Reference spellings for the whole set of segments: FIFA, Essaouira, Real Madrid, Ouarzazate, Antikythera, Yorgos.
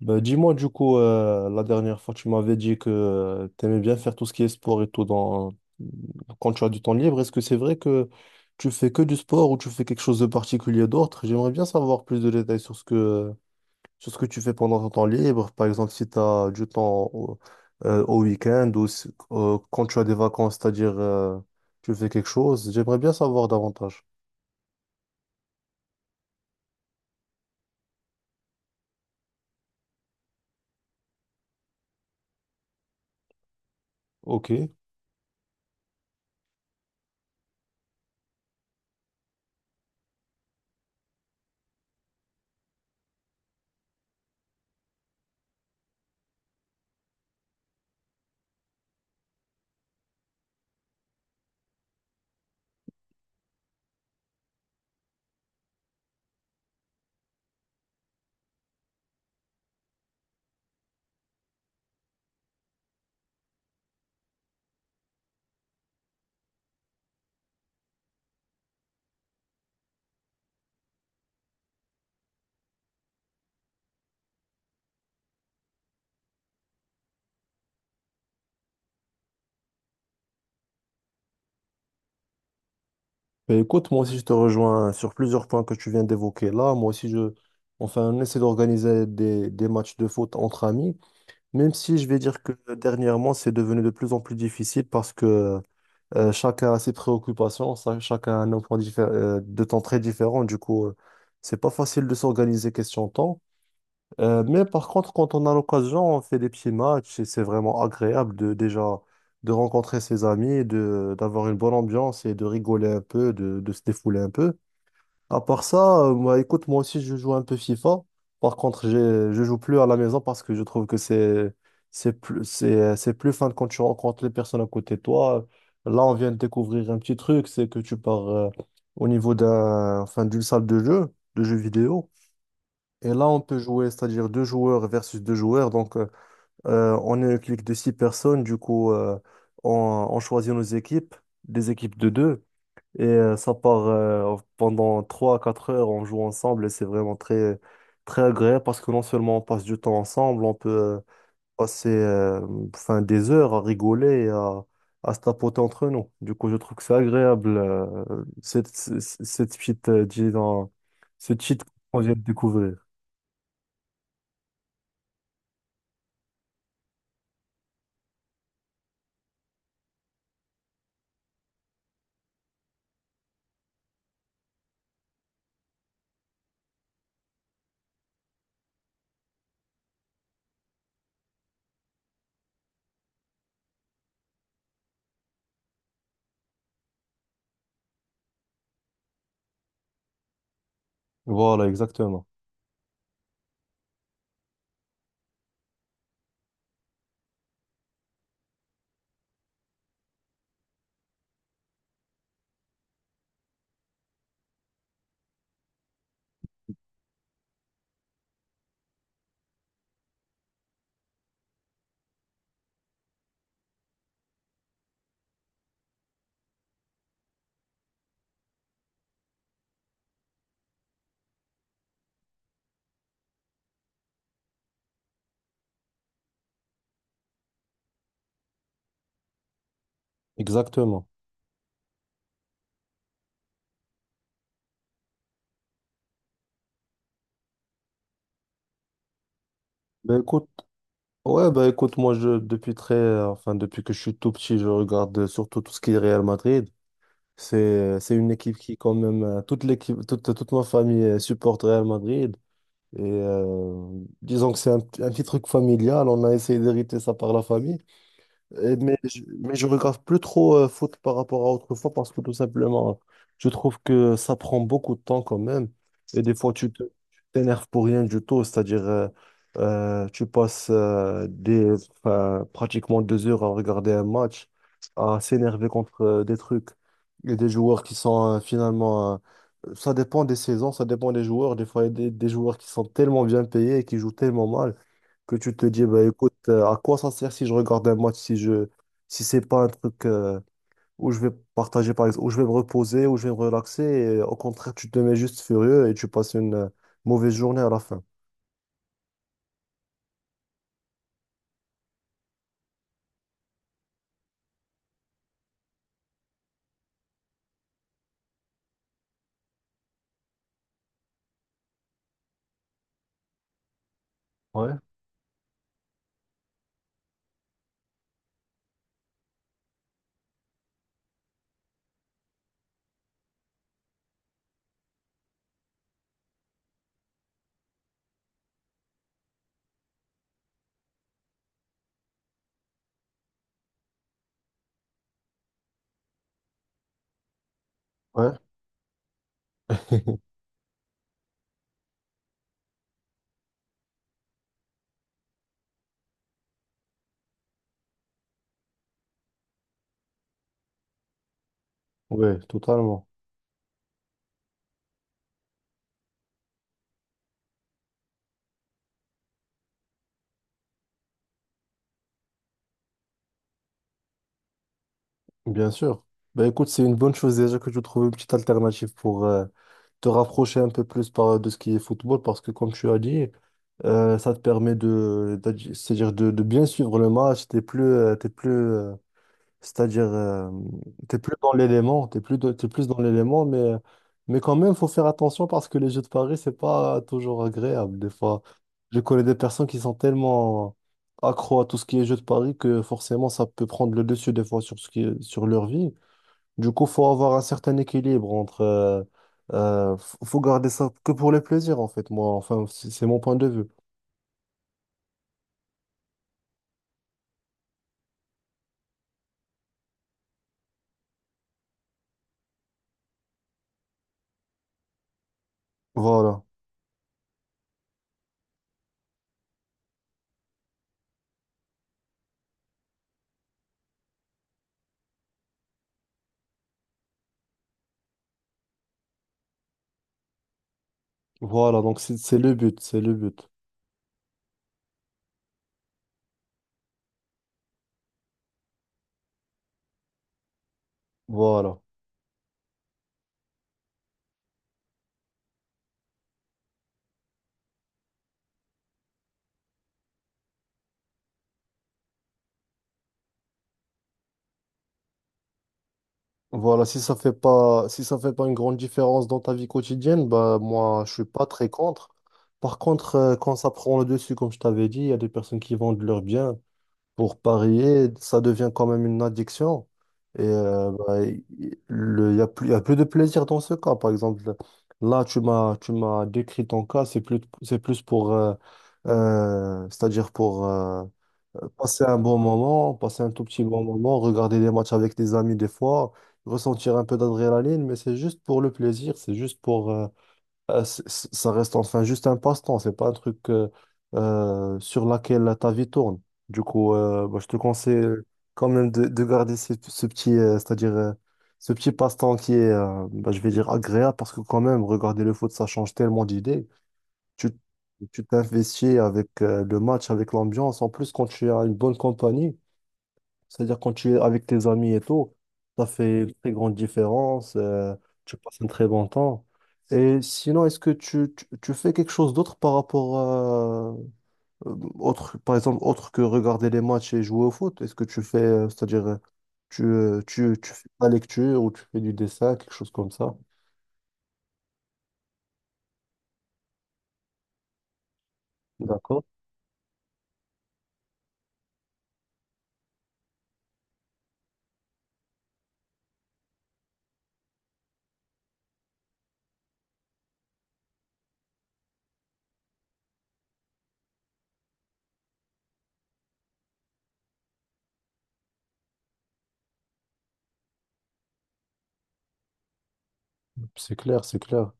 Bah, dis-moi du coup, la dernière fois tu m'avais dit que tu aimais bien faire tout ce qui est sport et tout dans... quand tu as du temps libre. Est-ce que c'est vrai que tu fais que du sport ou tu fais quelque chose de particulier d'autre? J'aimerais bien savoir plus de détails sur sur ce que tu fais pendant ton temps libre. Par exemple, si tu as du temps au week-end ou quand tu as des vacances, c'est-à-dire tu fais quelque chose. J'aimerais bien savoir davantage. Ok. Ben, écoute, moi aussi je te rejoins sur plusieurs points que tu viens d'évoquer là. Moi aussi enfin, on essaie d'organiser des matchs de foot entre amis, même si je vais dire que dernièrement c'est devenu de plus en plus difficile parce que chacun a ses préoccupations, chacun a un emploi de temps très différent. Du coup, c'est pas facile de s'organiser question temps. Mais par contre, quand on a l'occasion, on fait des petits matchs et c'est vraiment agréable de déjà de rencontrer ses amis, de d'avoir une bonne ambiance et de rigoler un peu, de se défouler un peu. À part ça, moi, écoute, moi aussi, je joue un peu FIFA. Par contre, je joue plus à la maison parce que je trouve que c'est plus fun quand tu rencontres les personnes à côté de toi. Là, on vient de découvrir un petit truc, c'est que tu pars au niveau d'un enfin d'une salle de jeu, de jeux vidéo. Et là, on peut jouer, c'est-à-dire deux joueurs versus deux joueurs. Donc, on est une clique de six personnes. Du coup, euh, on choisit nos équipes, des équipes de deux. Et ça part pendant trois à quatre heures. On joue ensemble et c'est vraiment très, très agréable parce que non seulement on passe du temps ensemble, on peut passer enfin, des heures à rigoler et à se tapoter entre nous. Du coup, je trouve que c'est agréable, cette petite, disons, ce cheat qu'on vient de découvrir. Voilà, exactement. Exactement. Ben écoute, ouais, ben écoute, moi je depuis très enfin depuis que je suis tout petit, je regarde surtout tout ce qui est Real Madrid. C'est une équipe qui quand même euh, toute ma famille supporte Real Madrid et disons que c'est un petit truc familial, on a essayé d'hériter ça par la famille. Mais mais je regarde plus trop foot par rapport à autrefois parce que tout simplement, je trouve que ça prend beaucoup de temps quand même. Et des fois, tu t'énerves pour rien du tout. C'est-à-dire, tu passes enfin, pratiquement deux heures à regarder un match, à s'énerver contre des trucs et des joueurs qui sont finalement. Ça dépend des saisons, ça dépend des joueurs. Des fois, il y a des joueurs qui sont tellement bien payés et qui jouent tellement mal que tu te dis, bah, écoute, à quoi ça sert si je regarde un match, si c'est pas un truc où je vais partager, par exemple, où je vais me reposer, où je vais me relaxer, et, au contraire, tu te mets juste furieux et tu passes une mauvaise journée à la fin. Ouais, ouais. Oui, totalement, bien sûr. Ben écoute, c'est une bonne chose déjà que tu trouves une petite alternative pour te rapprocher un peu plus par, de ce qui est football, parce que comme tu as dit, ça te permet de, c'est-à-dire de bien suivre le match, C'est-à-dire, euh, t'es plus dans l'élément, t'es plus dans l'élément, mais quand même, faut faire attention parce que les jeux de paris, c'est pas toujours agréable. Des fois, je connais des personnes qui sont tellement accro à tout ce qui est jeux de paris que forcément, ça peut prendre le dessus des fois sur ce qui sur leur vie. Du coup, faut avoir un certain équilibre entre, euh, faut garder ça que pour le plaisir, en fait. Moi, enfin, c'est mon point de vue. Voilà. Voilà. Donc, c'est le but, c'est le but. Voilà. Voilà, si ça fait pas, si ça fait pas une grande différence dans ta vie quotidienne, bah moi je suis pas très contre. Par contre, quand ça prend le dessus, comme je t'avais dit, il y a des personnes qui vendent leurs biens pour parier, ça devient quand même une addiction. Et bah, il y a plus, il y a plus de plaisir dans ce cas. Par exemple, là tu m'as décrit ton cas, c'est plus pour, c'est-à-dire pour passer un bon moment, passer un tout petit bon moment, regarder des matchs avec des amis des fois, ressentir un peu d'adrénaline, mais c'est juste pour le plaisir, c'est juste pour ça reste enfin juste un passe-temps, c'est pas un truc sur laquelle ta vie tourne. Du coup, bah, je te conseille quand même de garder ce petit, c'est-à-dire ce petit passe-temps qui est, bah, je vais dire, agréable, parce que quand même, regarder le foot, ça change tellement d'idées tu tu t'investis avec le match, avec l'ambiance. En plus, quand tu as une bonne compagnie, c'est-à-dire quand tu es avec tes amis et tout, ça fait une très grande différence. Tu passes un très bon temps. Et sinon, est-ce que tu fais quelque chose d'autre par rapport à, autre, par exemple, autre que regarder les matchs et jouer au foot? Est-ce que tu fais, c'est-à-dire, euh, tu fais de la lecture ou tu fais du dessin, quelque chose comme ça? D'accord. C'est clair, c'est clair.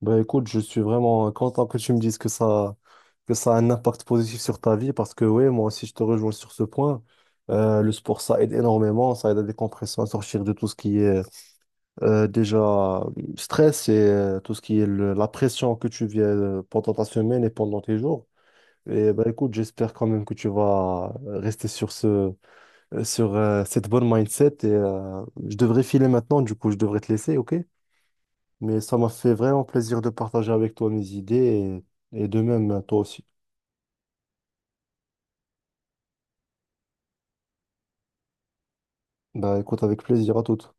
Bah écoute, je suis vraiment content que tu me dises que que ça a un impact positif sur ta vie parce que oui, moi aussi je te rejoins sur ce point. Le sport, ça aide énormément, ça aide à décompresser, à sortir de tout ce qui est déjà stress et tout ce qui est la pression que tu viens pendant ta semaine et pendant tes jours. Et bah écoute, j'espère quand même que tu vas rester sur sur cette bonne mindset et je devrais filer maintenant, du coup je devrais te laisser, ok? Mais ça m'a fait vraiment plaisir de partager avec toi mes idées et de même toi aussi. Bah écoute, avec plaisir à toutes.